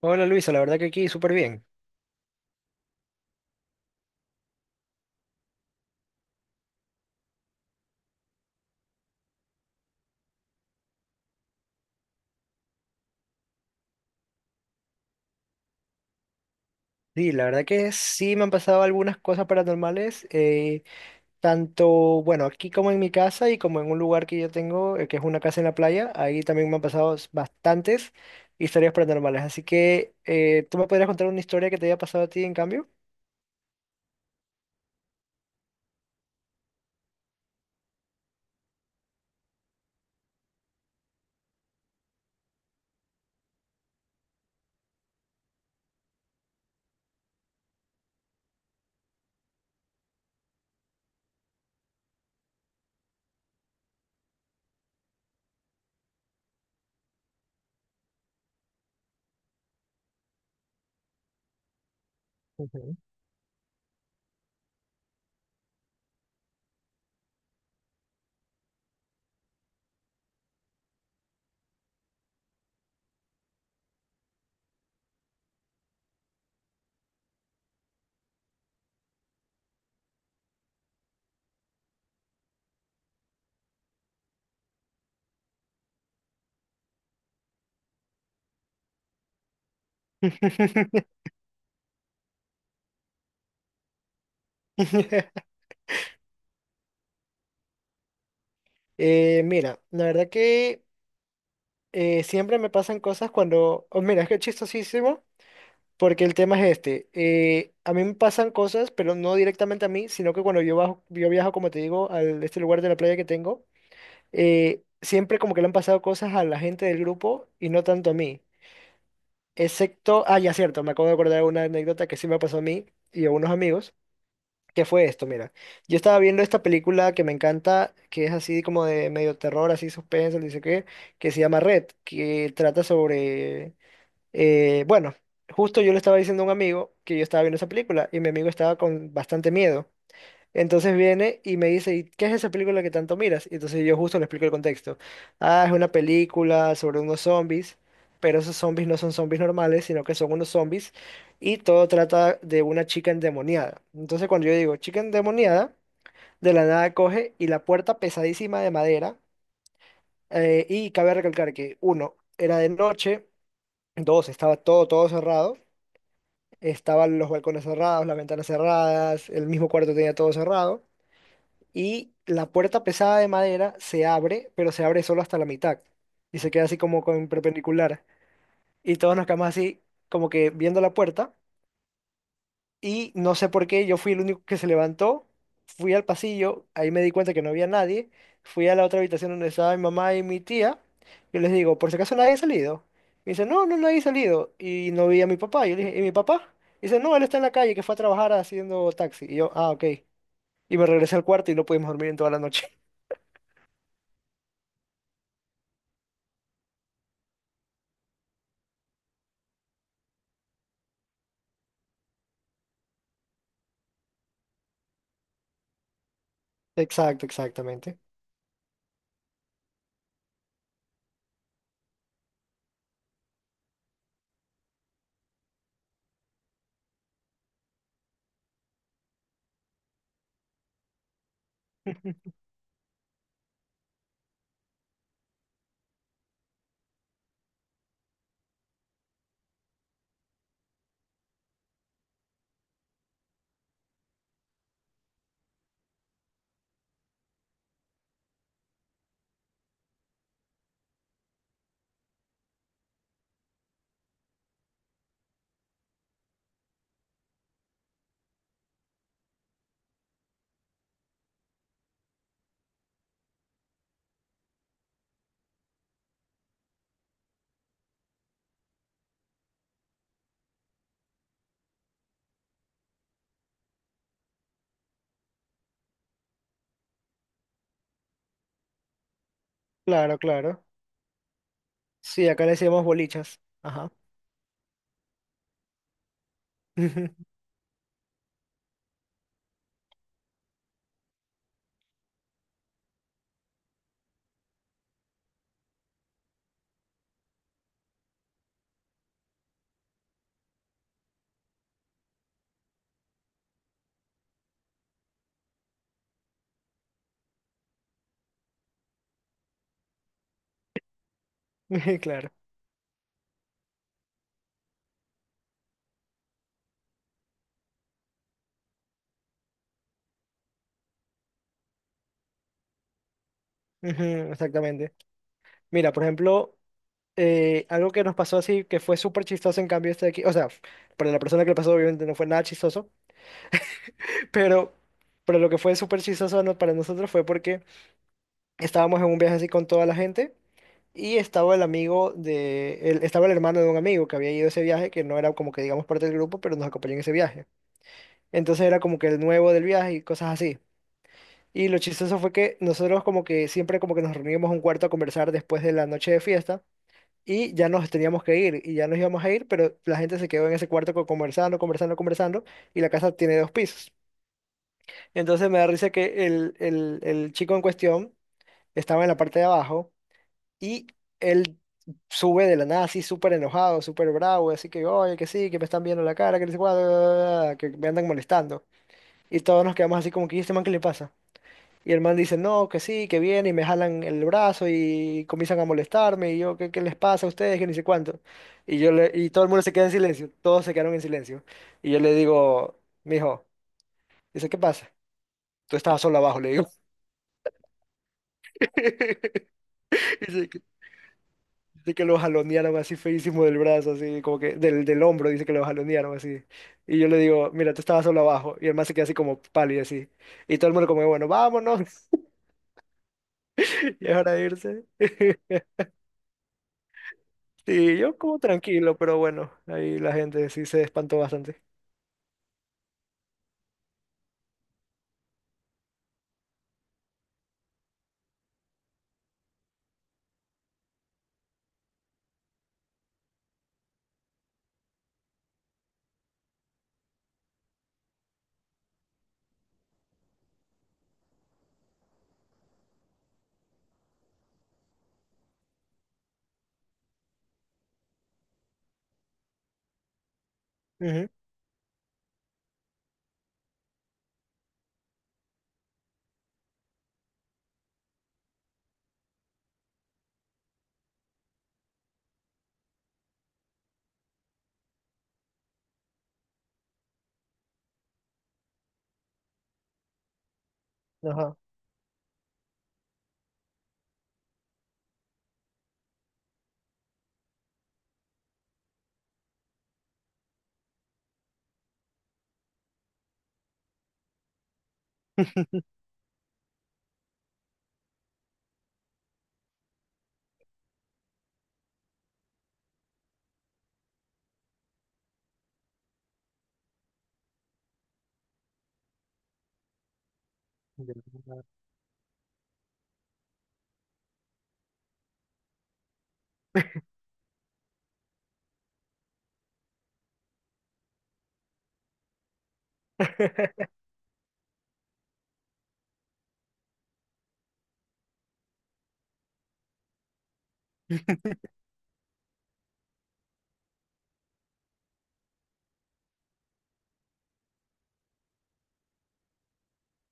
Hola Luisa, la verdad que aquí súper bien. Sí, la verdad que sí me han pasado algunas cosas paranormales, tanto, bueno, aquí como en mi casa y como en un lugar que yo tengo, que es una casa en la playa, ahí también me han pasado bastantes historias paranormales. Así que, ¿tú me podrías contar una historia que te haya pasado a ti en cambio? Ujú. Mira, la verdad que siempre me pasan cosas cuando, oh, mira, es que es chistosísimo. Porque el tema es este, a mí me pasan cosas, pero no directamente a mí, sino que cuando yo, bajo, yo viajo, como te digo, a este lugar de la playa que tengo, siempre como que le han pasado cosas a la gente del grupo y no tanto a mí. Excepto, ah, ya cierto, me acabo de acordar de una anécdota que sí me pasó a mí y a unos amigos, que fue esto, mira. Yo estaba viendo esta película que me encanta, que es así como de medio terror, así suspenso, que se llama Red, que trata sobre bueno, justo yo le estaba diciendo a un amigo que yo estaba viendo esa película y mi amigo estaba con bastante miedo. Entonces viene y me dice, ¿y qué es esa película que tanto miras? Y entonces yo justo le explico el contexto. Ah, es una película sobre unos zombies, pero esos zombies no son zombies normales, sino que son unos zombies y todo trata de una chica endemoniada. Entonces cuando yo digo chica endemoniada, de la nada coge y la puerta pesadísima de madera, y cabe recalcar que uno, era de noche, dos, estaba todo cerrado. Estaban los balcones cerrados, las ventanas cerradas, el mismo cuarto tenía todo cerrado y la puerta pesada de madera se abre, pero se abre solo hasta la mitad y se queda así como con perpendicular y todos nos quedamos así como que viendo la puerta y no sé por qué, yo fui el único que se levantó, fui al pasillo, ahí me di cuenta que no había nadie, fui a la otra habitación donde estaba mi mamá y mi tía, yo les digo, por si acaso nadie ha salido. Me dice, no, no, nadie ha salido. Y no vi a mi papá, yo le dije, ¿y mi papá? Dice, no, él está en la calle, que fue a trabajar haciendo taxi. Y yo, ah, ok. Y me regresé al cuarto y no pudimos dormir en toda la noche. Exacto, exactamente. Claro, claro. Sí, acá le decíamos bolichas. Ajá. Claro. Ujú, exactamente. Mira, por ejemplo... algo que nos pasó así, que fue súper chistoso, en cambio, este de aquí, o sea, para la persona que le pasó, obviamente no fue nada chistoso, pero, pero lo que fue súper chistoso para nosotros fue porque estábamos en un viaje así con toda la gente y estaba el amigo de, el- estaba el hermano de un amigo que había ido a ese viaje, que no era como que digamos parte del grupo, pero nos acompañó en ese viaje. Entonces era como que el nuevo del viaje y cosas así. Y lo chistoso fue que nosotros como que siempre como que nos reuníamos en un cuarto a conversar después de la noche de fiesta. Y ya nos teníamos que ir y ya nos íbamos a ir, pero la gente se quedó en ese cuarto conversando, conversando, conversando y la casa tiene dos pisos. Entonces me da risa que el chico en cuestión estaba en la parte de abajo y él sube de la nada así súper enojado, súper bravo, así que, oye, que sí, que me están viendo la cara, que no sé cuál, que me andan molestando. Y todos nos quedamos así como que, ¿y este man qué le pasa? Y el man dice, no, que sí, que viene, y me jalan el brazo y comienzan a molestarme, y yo, ¿qué, qué les pasa a ustedes? Que ni sé cuánto. Y todo el mundo se queda en silencio, todos se quedaron en silencio. Y yo le digo, mijo, dice, ¿qué pasa? Tú estabas solo abajo, le digo. Dice que, dice que lo jalonearon así feísimo del brazo, así, como que del hombro, dice que lo jalonearon así. Y yo le digo, mira, tú estabas solo abajo. Y el man se queda así como pálido, así. Y todo el mundo como, bueno, vámonos, y es hora de irse. Sí, yo como tranquilo, pero bueno, ahí la gente sí se espantó bastante. Ujú, ajá. Ya, ya.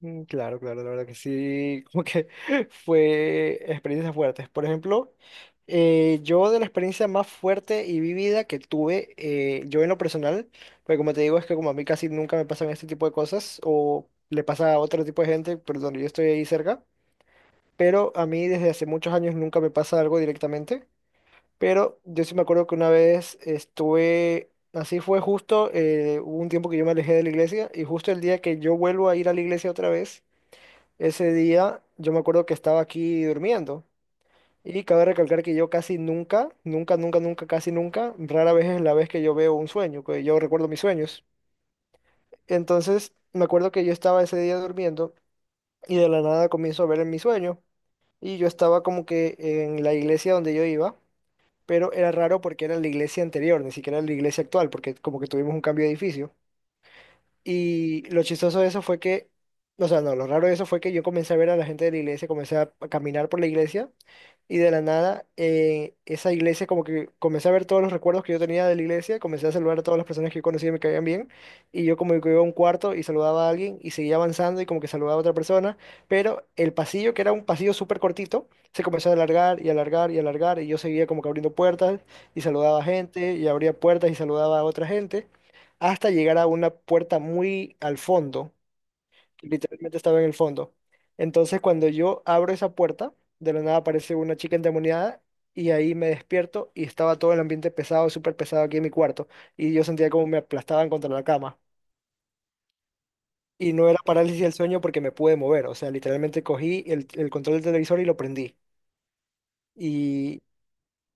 Mm, claro, claro, la verdad que sí, como que fue experiencias fuertes. Por ejemplo, yo de la experiencia más fuerte y vivida que tuve, yo en lo personal, porque como te digo, es que como a mí casi nunca me pasan este tipo de cosas, o le pasa a otro tipo de gente, pero donde yo estoy ahí cerca, pero a mí desde hace muchos años nunca me pasa algo directamente. Pero yo sí me acuerdo que una vez estuve, así fue justo, hubo un tiempo que yo me alejé de la iglesia y justo el día que yo vuelvo a ir a la iglesia otra vez, ese día yo me acuerdo que estaba aquí durmiendo. Y cabe recalcar que yo casi nunca, nunca, nunca, nunca, casi nunca, rara vez es la vez que yo veo un sueño, que yo recuerdo mis sueños. Entonces me acuerdo que yo estaba ese día durmiendo y de la nada comienzo a ver en mi sueño y yo estaba como que en la iglesia donde yo iba. Pero era raro porque era la iglesia anterior, ni siquiera era la iglesia actual, porque como que tuvimos un cambio de edificio. Y lo chistoso de eso fue que, o sea, no, lo raro de eso fue que yo comencé a ver a la gente de la iglesia, comencé a caminar por la iglesia y de la nada esa iglesia como que comencé a ver todos los recuerdos que yo tenía de la iglesia, comencé a saludar a todas las personas que yo conocía y me caían bien y yo como que iba a un cuarto y saludaba a alguien y seguía avanzando y como que saludaba a otra persona, pero el pasillo que era un pasillo súper cortito se comenzó a alargar y alargar y alargar y yo seguía como que abriendo puertas y saludaba a gente y abría puertas y saludaba a otra gente hasta llegar a una puerta muy al fondo, que literalmente estaba en el fondo. Entonces cuando yo abro esa puerta, de la nada aparece una chica endemoniada y ahí me despierto y estaba todo el ambiente pesado, súper pesado aquí en mi cuarto y yo sentía como me aplastaban contra la cama. Y no era parálisis del sueño porque me pude mover, o sea, literalmente cogí el control del televisor y lo prendí. Y,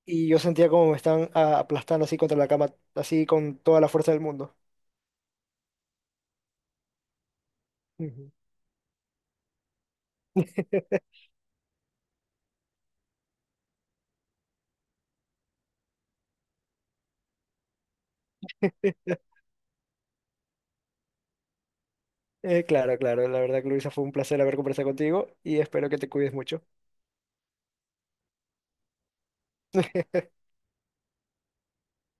y yo sentía como me estaban aplastando así contra la cama, así con toda la fuerza del mundo. Ujú. Claro, claro. La verdad, Luisa, fue un placer haber conversado contigo y espero que te cuides mucho.